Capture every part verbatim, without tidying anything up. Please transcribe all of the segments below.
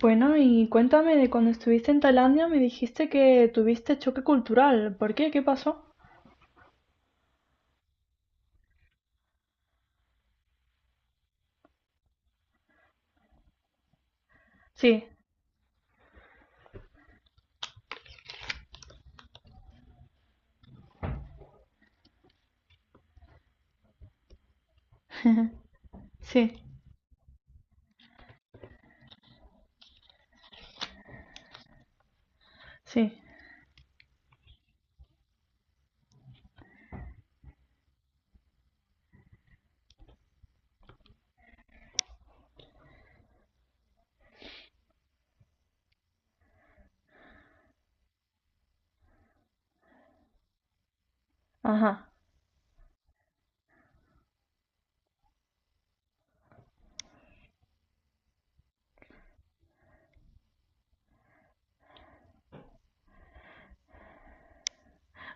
Bueno, y cuéntame de cuando estuviste en Tailandia, me dijiste que tuviste choque cultural. ¿Por qué? ¿Qué pasó? Sí, sí, sí. Ajá.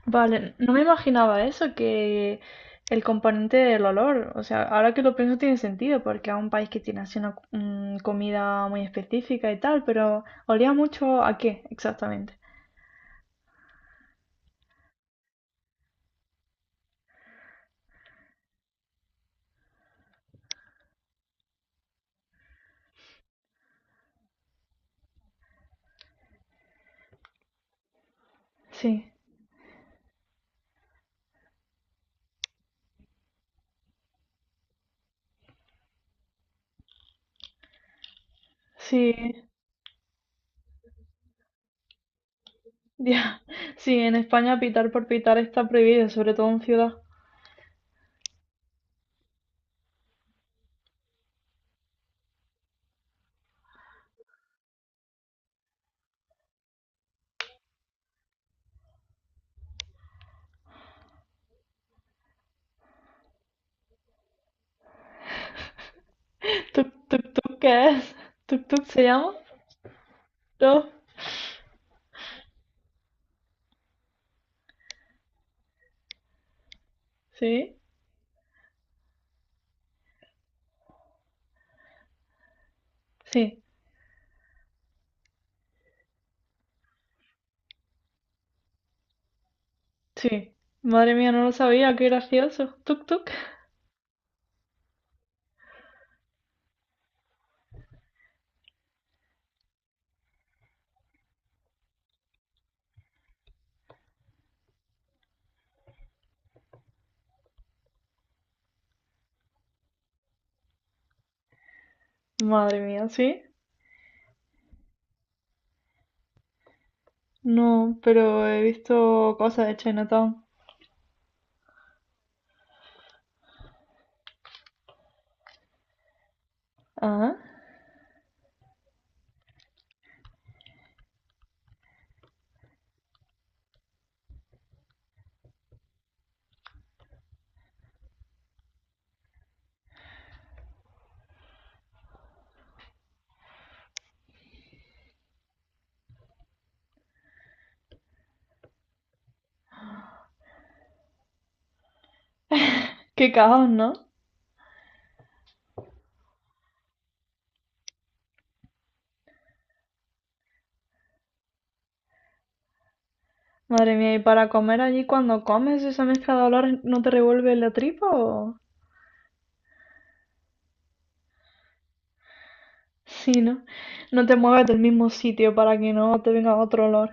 Vale, no me imaginaba eso, que el componente del olor, o sea, ahora que lo pienso tiene sentido, porque es un país que tiene así una mm, comida muy específica y tal, pero olía mucho a qué exactamente. Sí, sí, ya. Sí, en España pitar por pitar está prohibido, sobre todo en ciudad. ¿Tuk tuk tuk qué es? ¿Tuk tuk se llama? ¿No? ¿Sí? Sí, sí. Madre mía, no lo sabía, qué gracioso. ¿Tuk tuk? Madre mía, ¿sí? No, pero he visto cosas de Chinatown. Ah, qué caos, ¿no? Madre mía, ¿y para comer allí cuando comes esa mezcla de olores no te revuelve la tripa o...? Sí, ¿no? No te mueves del mismo sitio para que no te venga otro olor.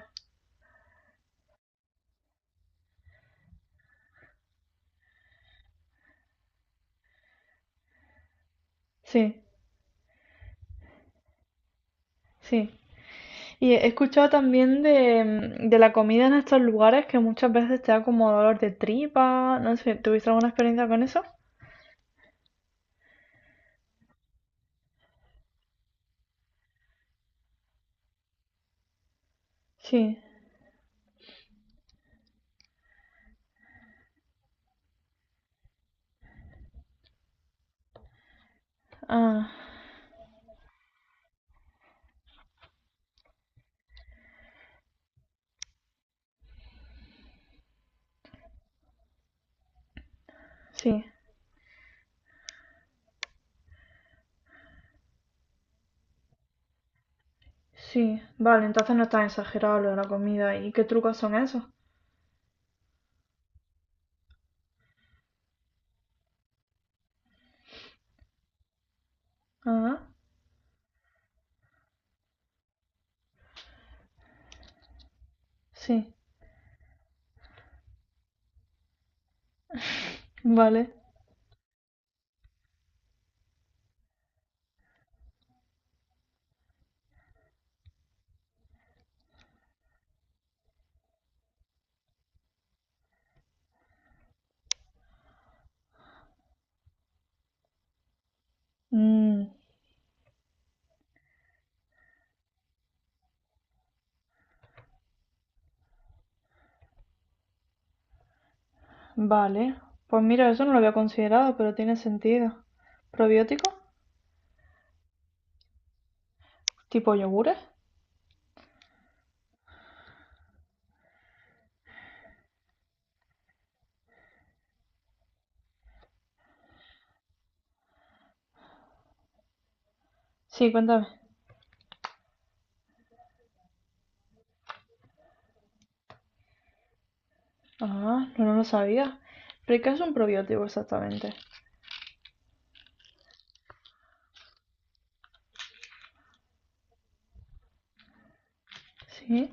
Sí, sí. Y he escuchado también de, de la comida en estos lugares que muchas veces te da como dolor de tripa. No sé, ¿tuviste alguna experiencia con eso? Sí, ah, sí, sí. Vale, entonces no es tan exagerado lo de la comida. ¿Y qué trucos son esos? Ah, sí, vale. Mm, vale. Pues mira, eso no lo había considerado, pero tiene sentido. Probiótico. ¿Tipo yogures? Sí, cuéntame. Ah, no, no lo sabía. ¿Pero qué es un probiótico exactamente? Sí,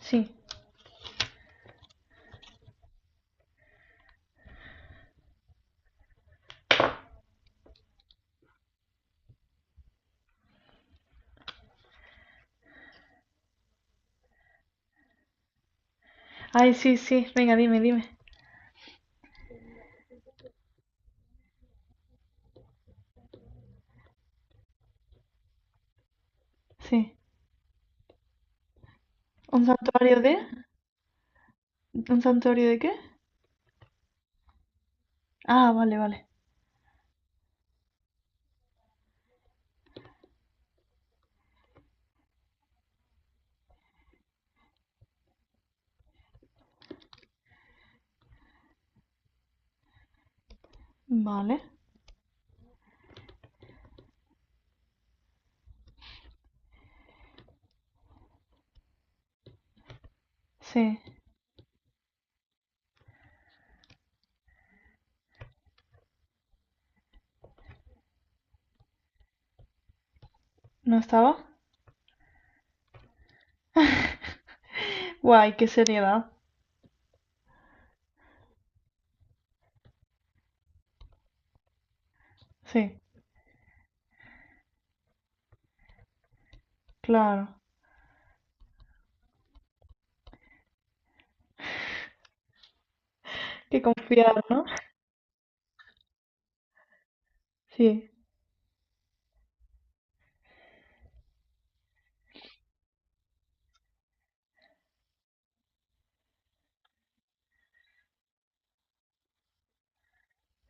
sí. Ay, sí, sí, venga, dime, dime. Sí. ¿Un santuario de? ¿Un santuario de qué? Ah, vale, vale. Vale. Sí. ¿No estaba? Guay, qué seriedad. Sí, claro. Qué confiado, ¿no? Sí,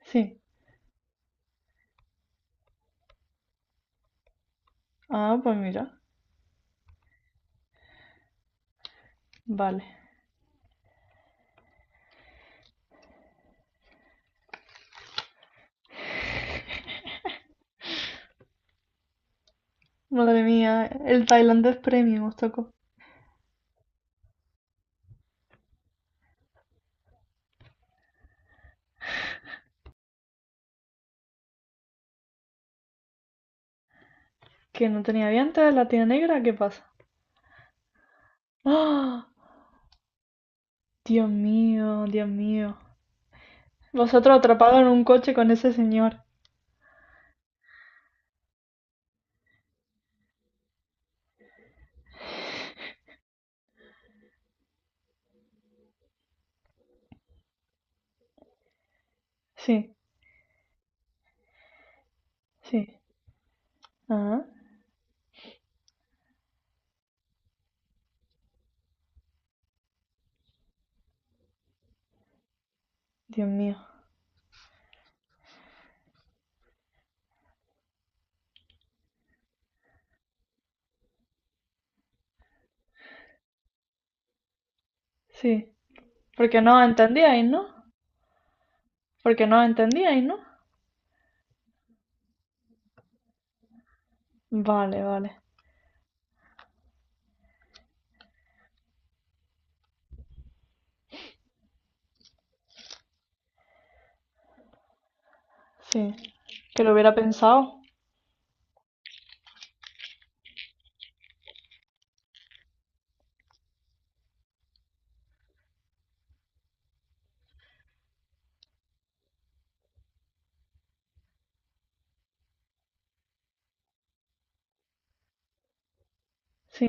sí. Ah, pues mira. Vale. Madre mía, el tailandés premium os tocó. Que no tenía dientes, la tía negra, ¿qué pasa? ¡Ah! Dios mío, Dios mío. Vosotros atrapados en un coche con ese señor. Sí, sí. Ah, Dios mío. Sí, porque no entendíais, ¿no? Porque no entendíais, ¿no? Vale, vale. Sí, que lo hubiera pensado. Sí,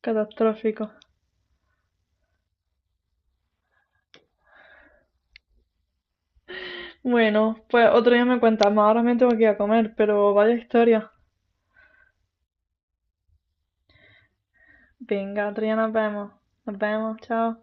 catastrófico. Bueno, pues otro día me cuentas más. Ahora me tengo que ir a comer, pero vaya historia. Venga, otro día nos vemos. Nos vemos, chao.